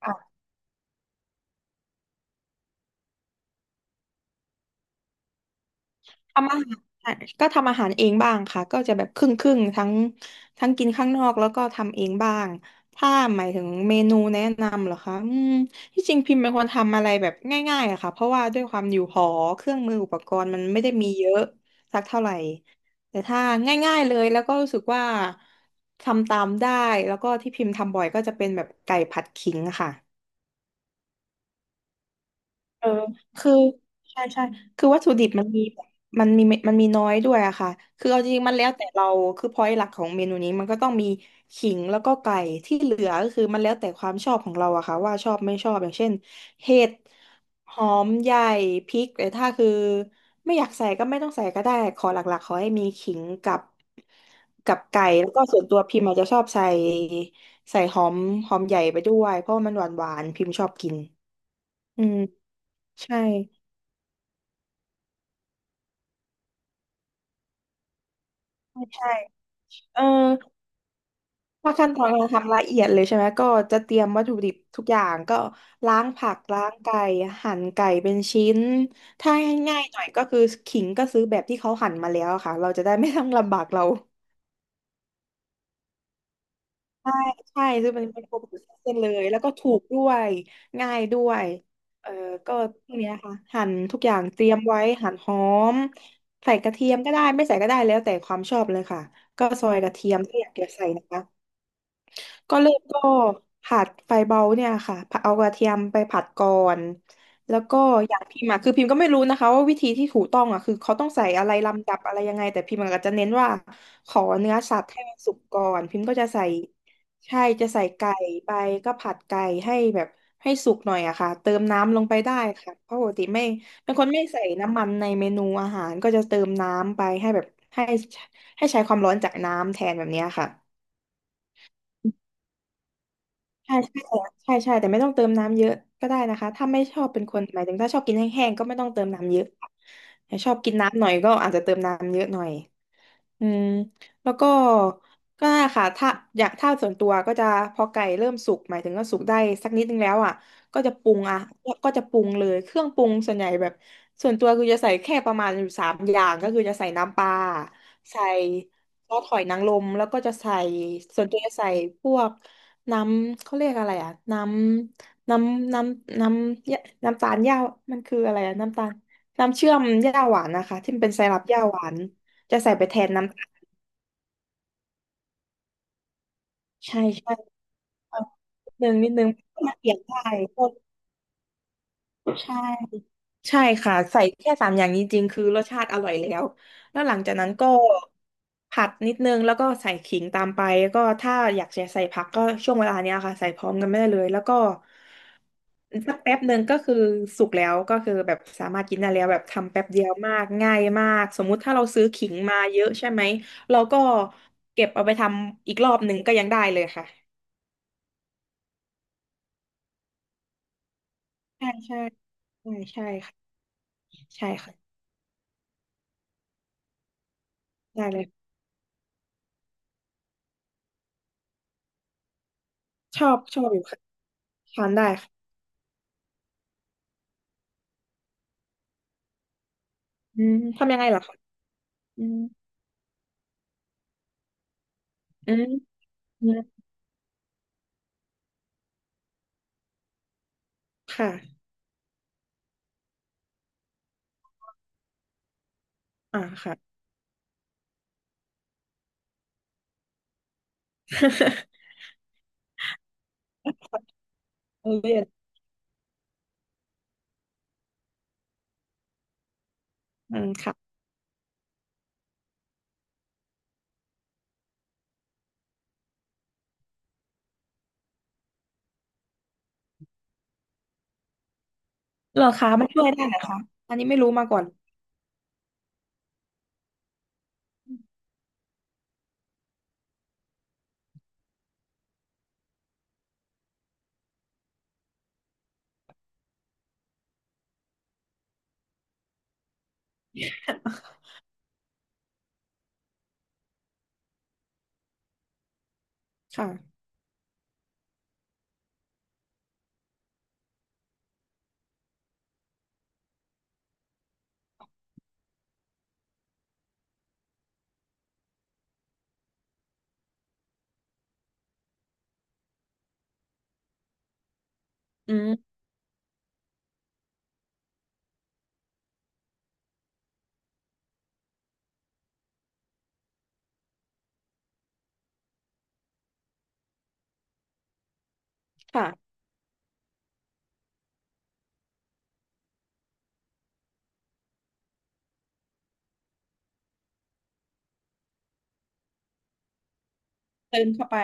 ค่ะทำอาหารก็ทำอาหารเองบ้างค่ะก็จะแบบครึ่งครึ่งทั้งกินข้างนอกแล้วก็ทำเองบ้างถ้าหมายถึงเมนูแนะนำเหรอคะที่จริงพิมพ์เป็นคนทำอะไรแบบง่ายๆอะค่ะเพราะว่าด้วยความอยู่หอเครื่องมืออุปกรณ์มันไม่ได้มีเยอะสักเท่าไหร่แต่ถ้าง่ายๆเลยแล้วก็รู้สึกว่าทำตามได้แล้วก็ที่พิมพ์ทำบ่อยก็จะเป็นแบบไก่ผัดขิงค่ะ เออคือใช่ใช่คือวัตถุดิบมันมีมันมีน้อยด้วยอะค่ะ คือเอาจริงๆมันแล้วแต่เราคือพอยต์หลักของเมนูนี้มันก็ต้องมีขิงแล้วก็ไก่ที่เหลือก็คือมันแล้วแต่ความชอบของเราอะค่ะว่าชอบไม่ชอบ อย่างเช่นเห็ดหอมใหญ่พริกแต่ถ้าคือไม่อยากใส่ก็ไม่ต้องใส่ก็ได้ขอหลักๆขอให้มีขิงกับไก่แล้วก็ส่วนตัวพิมอาจจะชอบใส่หอมหอมใหญ่ไปด้วยเพราะว่ามันหวานๆพิมชอบกินอืมใช่ ใช่ เออถ้าขั้นตอนการทำละเอียดเลยใช่ไหม ก็จะเตรียมวัตถุดิบทุกอย่างก็ล้างผักล้างไก่หั่นไก่เป็นชิ้นถ้าให้ง่ายๆหน่อยก็คือขิงก็ซื้อแบบที่เขาหั่นมาแล้วอะค่ะ เราจะได้ไม่ต้องลำบากเราใช่ ซื้อเป็นโปรตีนเส้นเลยแล้วก็ถูกด้วย ง่ายด้วยเออก็พวกเนี้ยค่ะหั่นทุกอย่างเตรียมไว้หั่นหอมใส่กระเทียมก็ได้ไม่ใส่ก็ได้แล้วแต่ความชอบเลยค่ะก็ซอยกระเทียมถ้าอยากจะใส่นะคะ ก็เริ่มก็ผัดไฟเบาเนี่ยค่ะผัดเอากระเทียมไปผัดก่อนแล้วก็อย่างพิมพ์อะคือพิมพ์ก็ไม่รู้นะคะว่าวิธีที่ถูกต้องอะคือเขาต้องใส่อะไรลำดับอะไรยังไงแต่พิมพ์ก็จะเน้นว่าขอเนื้อสัตว์ให้มันสุกก่อนพิมพ์ก็จะใส่ใช่จะใส่ไก่ไปก็ผัดไก่ให้แบบให้สุกหน่อยอะค่ะเติมน้ำลงไปได้ค่ะเพราะปกติไม่เป็นคนไม่ใส่น้ำมันในเมนูอาหารก็จะเติมน้ำไปให้แบบให้ให้ใช้ความร้อนจากน้ำแทนแบบเนี้ยค่ะ ใช่ใช่ใช่ใช่แต่ไม่ต้องเติมน้ำเยอะก็ได้นะคะถ้าไม่ชอบเป็นคนหมายถึงถ้าชอบกินแห้งๆก็ไม่ต้องเติมน้ำเยอะแต่ชอบกินน้ำหน่อยก็อาจจะเติมน้ำเยอะหน่อย อืมแล้วก็ก็นั่นแหละค่ะถ้าอยากถ้าส่วนตัวก็จะพอไก่เริ่มสุกหมายถึงก็สุกได้สักนิดนึงแล้วอ่ะก็จะปรุงอ่ะก็จะปรุงเลยเครื่องปรุงส่วนใหญ่แบบส่วนตัวคือจะใส่แค่ประมาณอยู่สามอย่างก็คือจะใส่น้ำปลาใส่ซอสหอยนางรมแล้วก็จะใส่ส่วนตัวจะใส่พวกน้ำเขาเรียกอะไรอ่ะน้ำน้ำตาลหญ้ามันคืออะไรอ่ะน้ำตาลน้ำเชื่อมหญ้าหวานนะคะที่มันเป็นไซรัปหญ้าหวาน จะใส่ไปแทนน้ำใช่ใช่เอานิดนึงมันเปลี่ยนได้ก็ใช่ใช่ค่ะใส่แค่สามอย่างนี้จริงคือรสชาติอร่อยแล้วแล้วหลังจากนั้นก็ผัดนิดนึงแล้วก็ใส่ขิงตามไปแล้วก็ถ้าอยากจะใส่ผักก็ช่วงเวลาเนี้ยค่ะใส่พร้อมกันไม่ได้เลยแล้วก็สักแป๊บหนึ่งก็คือสุกแล้วก็คือแบบสามารถกินได้แล้วแบบทำแป๊บเดียวมากง่ายมากสมมุติถ้าเราซื้อขิงมาเยอะใช่ไหมเราก็เก็บเอาไปทำอีกรอบหนึ่งก็ยังได้เลยค่ะ ใช่ใช่ใช่ใช่ค่ะใช่ค่ะได้เลยชอบชอบอยู่ค่ะทานได้ค่ะอืมทำยังไงล่รอคะอืมอืมอืมค่ะอ่าค่ะ เออเรียนอืมค่ะเหรอคะมันช่วยได้เหรอคะอันนี้ไม่รู้มาก่อน ค่ะอืมค่ะเติมเข้าไป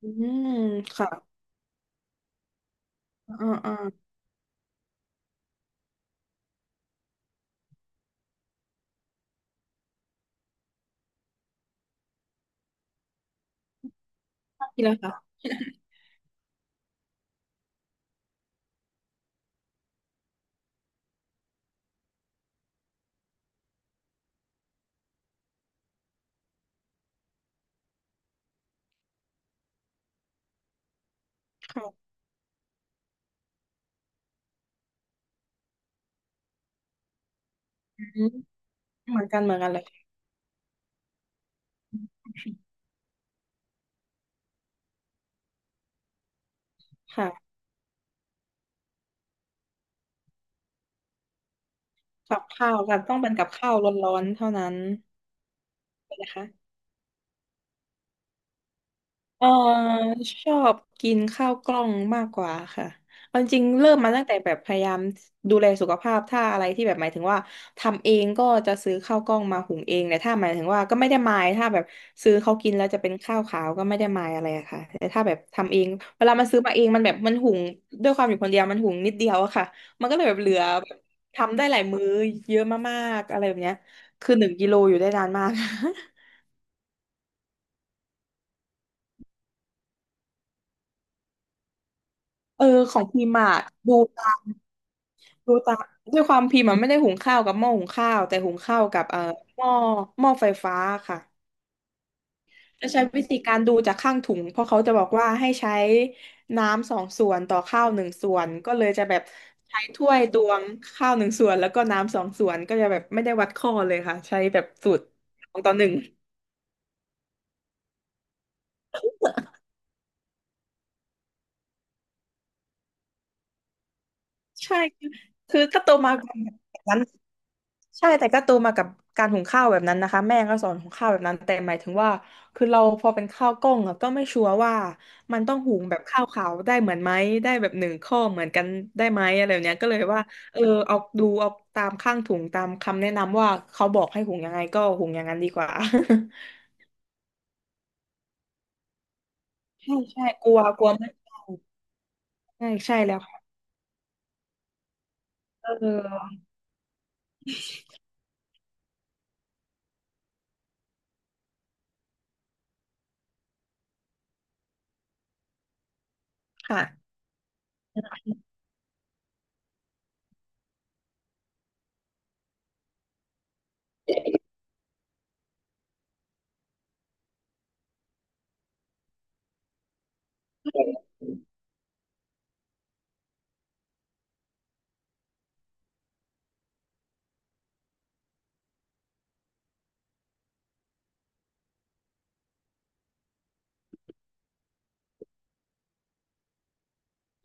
อืมอืมค่ะอืมค่ะอ่าอ่าทีละค่ะค่ะอืมเหมือนกันเหมือนกันเลยค่ะกับข้าวกันต้องเป็นกับข้าวร้อนๆเท่านั้นนะคะ เออชอบกินข้าวกล้องมากกว่าค่ะเอาจริงๆเริ่มมาตั้งแต่แบบพยายามดูแลสุขภาพถ้าอะไรที่แบบหมายถึงว่าทำเองก็จะซื้อข้าวกล้องมาหุงเองแต่ถ้าหมายถึงว่าก็ไม่ได้มายถ้าแบบซื้อเขากินแล้วจะเป็นข้าวขาวก็ไม่ได้มายอะไรอะค่ะแต่ถ้าแบบทำเองเวลามันซื้อมาเองมันแบบหุงด้วยความอยู่คนเดียวมันหุงนิดเดียวอะค่ะมันก็เลยแบบเหลือแบบทำได้หลายมื้อเยอะมากๆอะไรแบบเนี้ยคือ1 กิโลอยู่ได้นานมาก เออของพิมพ์อะดูตาม ดูตามด้วยความพิมพ์มันไม่ได้หุงข้าวกับหม้อหุงข้าวแต่หุงข้าวกับหม้อหม้อไฟฟ้าค่ะจะใช้วิธีการดูจากข้างถุงเพราะเขาจะบอกว่าให้ใช้น้ำ2 ส่วนต่อข้าว 1 ส่วนก็เลยจะแบบใช้ถ้วยตวงข้าวหนึ่งส่วนแล้วก็น้ำสองส่วนก็จะแบบไม่ได้วัดข้อเลยค่ะใช้แบบสูตร2 ต่อ 1ใช่คือคือถ้าโตมาแบบนั้น ใช่แต่ก็โตมากับการหุงข้าวแบบนั้นนะคะแม่ก็สอนหุงข้าวแบบนั้นแต่หมายถึงว่าคือเราพอเป็นข้าวกล้องอะก็ไม่ชัวร์ว่ามันต้องหุงแบบข้าวขาวได้เหมือนไหมได้แบบหนึ่งข้อเหมือนกันได้ไหมอะไรแบบเนี้ยก็เลยว่าเออเอาดูเอาตามข้างถุงตามคำแนะนำว่าเขาบอกให้หุงยังไงก็หุงอย่างนั้นดีกว่า ใช่ใช่กลัวกลัวไม่ใช่ใช่ใช่แล้วค่ะเออค่ะ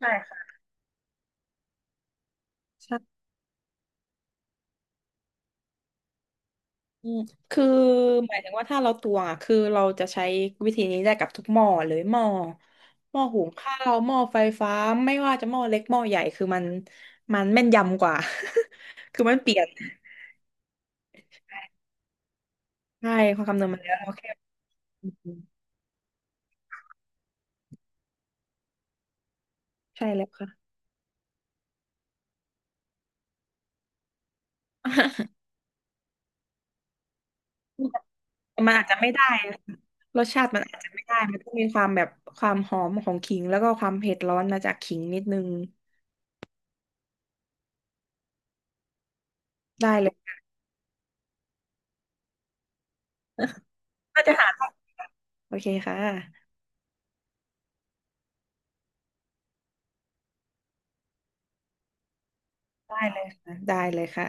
ใช่ค่ะ อืมคือหมายถึงว่าถ้าเราตวงอ่ะคือเราจะใช้วิธีนี้ได้กับทุกหม้อเลยหม้อหุงข้าวหม้อไฟฟ้าไม่ว่าจะหม้อเล็กหม้อใหญ่คือมันแม่นยำกว่า คือมันเปลี่ยนใช่ความคำนวณมันแล้วเราแค่อืมใช่แล้วค่ะ มันอาจจะไม่ได้นะรสชาติมันอาจจะไม่ได้มันต้องมีความแบบความหอมของขิงแล้วก็ความเผ็ดร้อนมาจากขิงนิดนึงได้เลย น่าจะหาได้โอเคค่ะได้เลยค่ะได้เลยค่ะ